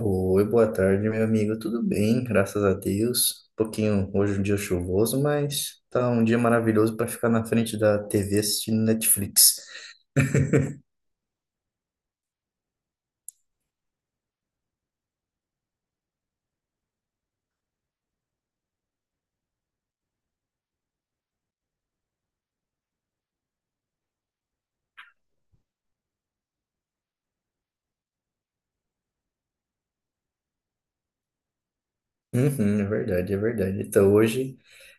Oi, boa tarde, meu amigo. Tudo bem, graças a Deus. Um pouquinho hoje é um dia chuvoso, mas tá um dia maravilhoso para ficar na frente da TV assistindo Netflix. Uhum, é verdade, é verdade. Então hoje,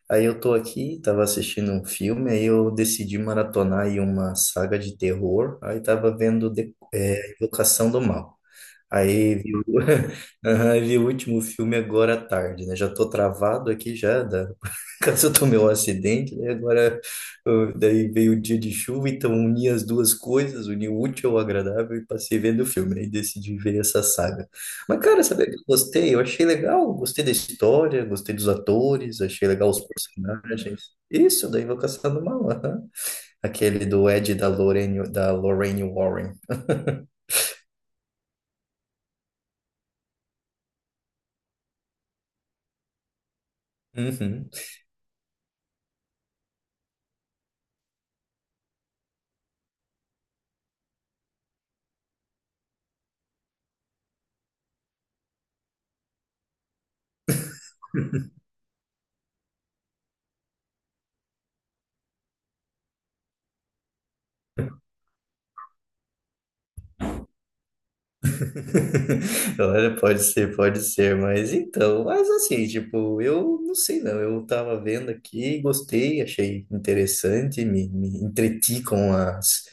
aí eu tô aqui, tava assistindo um filme, aí eu decidi maratonar aí uma saga de terror, aí tava vendo Invocação do Mal. Aí vi, o Aham, vi o último filme agora à tarde, né? Já tô travado aqui já, da... caso eu tomei um acidente, né? Agora, daí veio o dia de chuva, então uni as duas coisas, uni o útil ao agradável e passei vendo o filme, aí decidi ver essa saga. Mas, cara, sabe o que eu gostei? Eu achei legal, gostei da história, gostei dos atores, achei legal os personagens. Isso, da Invocação do Mal, aham. Aquele do Ed e da Lorraine Warren. Uhum. Olha, pode ser, mas então, mas assim, tipo, eu não sei não, eu tava vendo aqui, gostei, achei interessante, me entreti com as,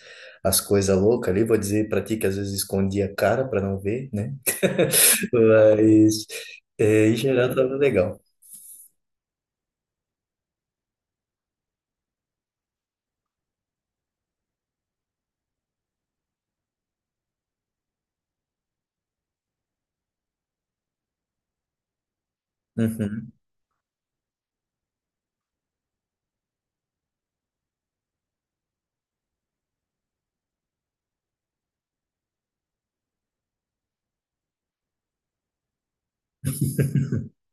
as coisas loucas ali, vou dizer pra ti que às vezes escondi a cara pra não ver, né? Mas, é, em geral, tava legal. Uhum,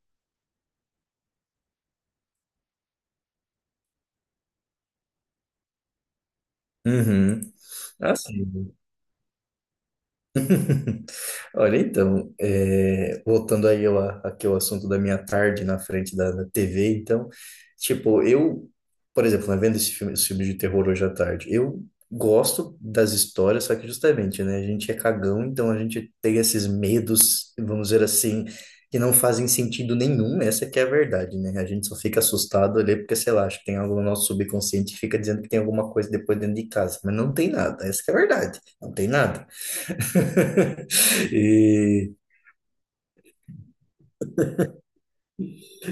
uhum. Assim, Olha, então, voltando aí ao, aquele assunto da minha tarde na frente da TV, então, tipo, eu, por exemplo, né, vendo esse filme de terror hoje à tarde, eu gosto das histórias, só que justamente, né, a gente é cagão, então a gente tem esses medos, vamos dizer assim, que não fazem sentido nenhum, essa que é a verdade, né, a gente só fica assustado ali porque, sei lá, acho que tem algo no nosso subconsciente que fica dizendo que tem alguma coisa depois dentro de casa, mas não tem nada, essa que é a verdade, não tem nada. E,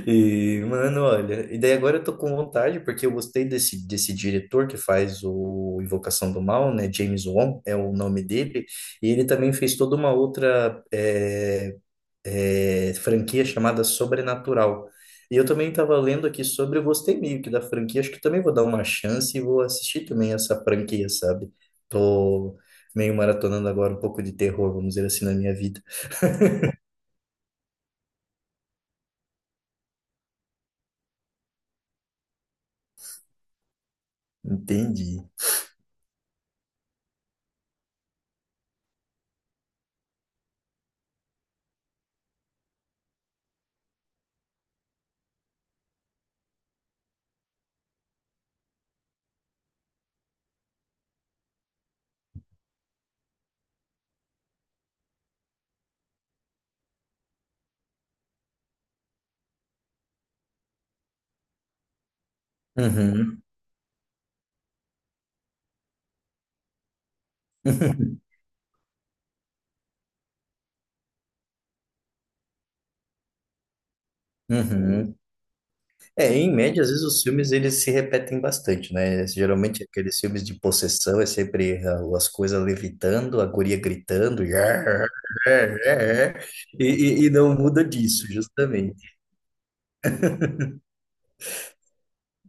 e, mano, olha, e daí agora eu tô com vontade, porque eu gostei desse diretor que faz o Invocação do Mal, né? James Wan é o nome dele, e ele também fez toda uma outra franquia chamada Sobrenatural. E eu também estava lendo aqui sobre, eu gostei meio que da franquia, acho que também vou dar uma chance e vou assistir também essa franquia, sabe? Tô meio maratonando agora um pouco de terror, vamos dizer assim, na minha vida. Entendi. Uhum. Uhum. É, em média, às vezes os filmes eles se repetem bastante, né? Geralmente aqueles filmes de possessão é sempre ah, as coisas levitando, a guria gritando, e não muda disso, justamente.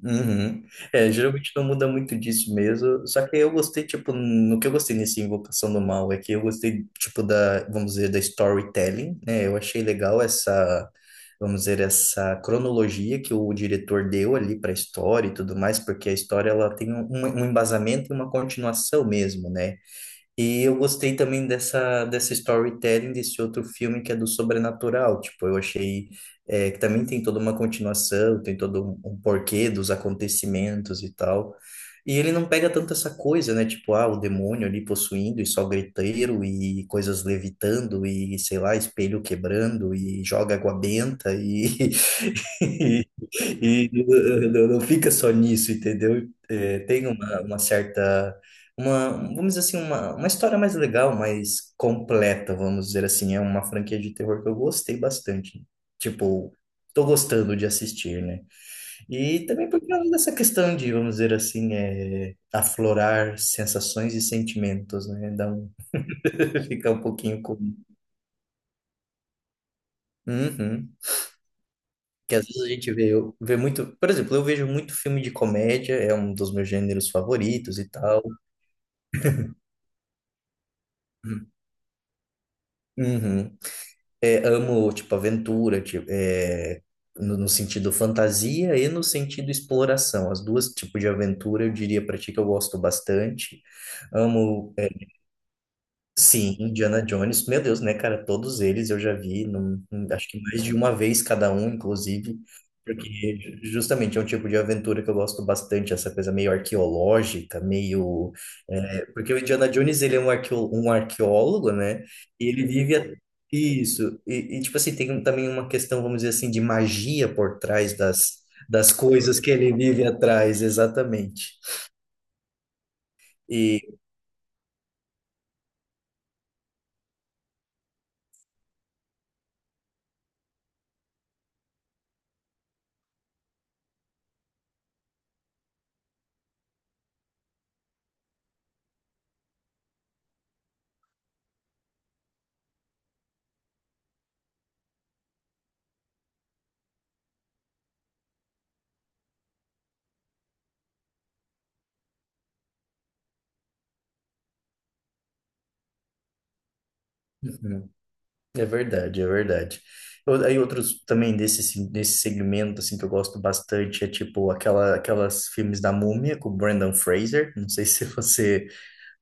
Uhum. É, geralmente não muda muito disso mesmo. Só que eu gostei, tipo, no que eu gostei nesse Invocação do Mal é que eu gostei, tipo, da, vamos dizer, da storytelling, né? Eu achei legal essa, vamos dizer, essa cronologia que o diretor deu ali para a história e tudo mais, porque a história ela tem um um embasamento e uma continuação mesmo, né? E eu gostei também dessa storytelling desse outro filme que é do sobrenatural. Tipo, eu achei que também tem toda uma continuação, tem todo um porquê dos acontecimentos e tal. E ele não pega tanto essa coisa, né? Tipo, ah, o demônio ali possuindo e só griteiro e coisas levitando e, sei lá, espelho quebrando e joga água benta e E, e não fica só nisso, entendeu? É, tem uma certa, uma, vamos dizer assim, uma história mais legal, mais completa, vamos dizer assim. É uma franquia de terror que eu gostei bastante. Tipo, tô gostando de assistir, né? E também por causa dessa questão de, vamos dizer assim, é, aflorar sensações e sentimentos, né? Dá um, fica um pouquinho com... Uhum. Que às vezes a gente vê, vê muito. Por exemplo, eu vejo muito filme de comédia, é um dos meus gêneros favoritos e tal. Uhum. Uhum. É, amo, tipo, aventura, tipo, no sentido fantasia e no sentido exploração. As duas tipos de aventura eu diria pra ti que eu gosto bastante. Amo Sim, Indiana Jones, meu Deus, né, cara? Todos eles eu já vi, acho que mais de uma vez cada um, inclusive, porque justamente é um tipo de aventura que eu gosto bastante, essa coisa meio arqueológica, meio. É, porque o Indiana Jones, ele é um, arqueo, um arqueólogo, né? E ele vive. Isso, e, tipo assim, tem um, também uma questão, vamos dizer assim, de magia por trás das, das coisas que ele vive atrás, exatamente. E. Uhum. É verdade, é verdade. Aí outros também desse, desse segmento assim que eu gosto bastante é tipo aquela, aquelas filmes da Múmia com o Brendan Fraser. Não sei se você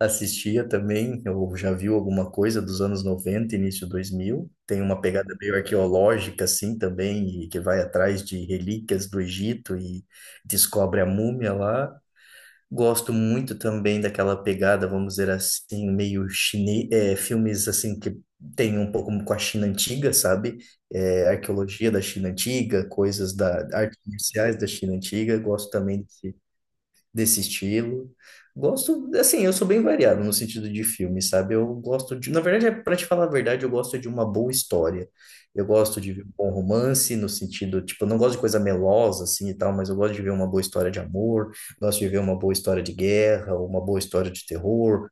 assistia também ou já viu alguma coisa dos anos 90 início 2000. Tem uma pegada meio arqueológica assim também e que vai atrás de relíquias do Egito e descobre a múmia lá. Gosto muito também daquela pegada, vamos dizer assim, meio chinês, é, filmes assim que tem um pouco com a China antiga, sabe? É, arqueologia da China antiga, coisas da artes marciais da China antiga. Gosto também desse estilo. Gosto, assim, eu sou bem variado no sentido de filme, sabe? Eu gosto de, na verdade, é para te falar a verdade, eu gosto de uma boa história. Eu gosto de ver um bom romance, no sentido, tipo, eu não gosto de coisa melosa, assim, e tal, mas eu gosto de ver uma boa história de amor, gosto de ver uma boa história de guerra, uma boa história de terror.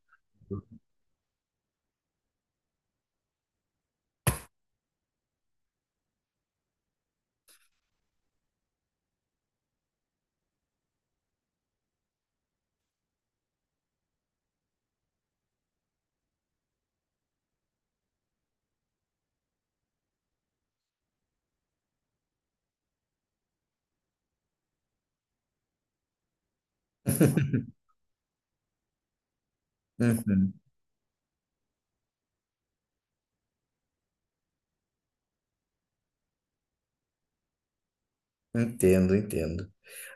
Uhum, entendo, entendo.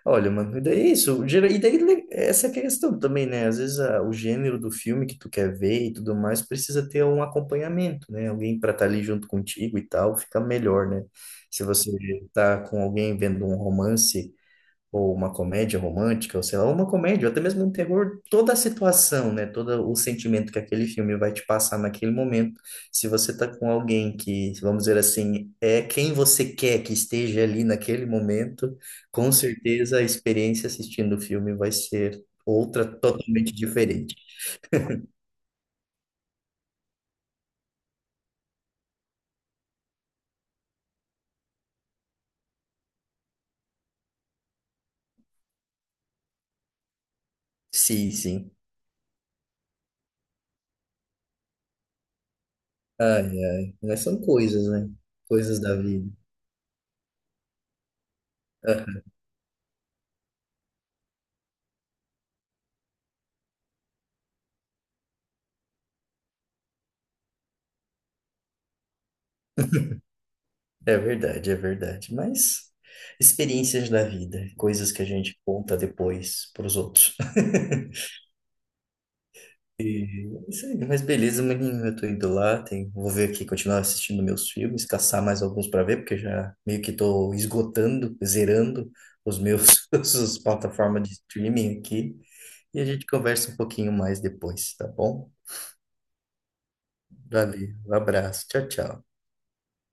Olha, mano, e daí é isso, e daí essa é a questão também, né? Às vezes o gênero do filme que tu quer ver e tudo mais precisa ter um acompanhamento, né? Alguém para estar ali junto contigo e tal, fica melhor, né? Se você tá com alguém vendo um romance ou uma comédia romântica, ou sei lá, uma comédia, ou até mesmo um terror, toda a situação, né? Todo o sentimento que aquele filme vai te passar naquele momento. Se você tá com alguém que, vamos dizer assim, é quem você quer que esteja ali naquele momento, com certeza a experiência assistindo o filme vai ser outra totalmente diferente. Sim, sim. Ai, ai. Mas são coisas, né? Coisas da vida. Ah, é verdade, é verdade. Mas experiências da vida, coisas que a gente conta depois para os outros. E é isso aí, mas beleza, maninho, eu tô indo lá, vou ver aqui, continuar assistindo meus filmes, caçar mais alguns para ver, porque já meio que tô esgotando, zerando os meus as plataformas de streaming aqui. E a gente conversa um pouquinho mais depois, tá bom? Valeu, um abraço, tchau, tchau.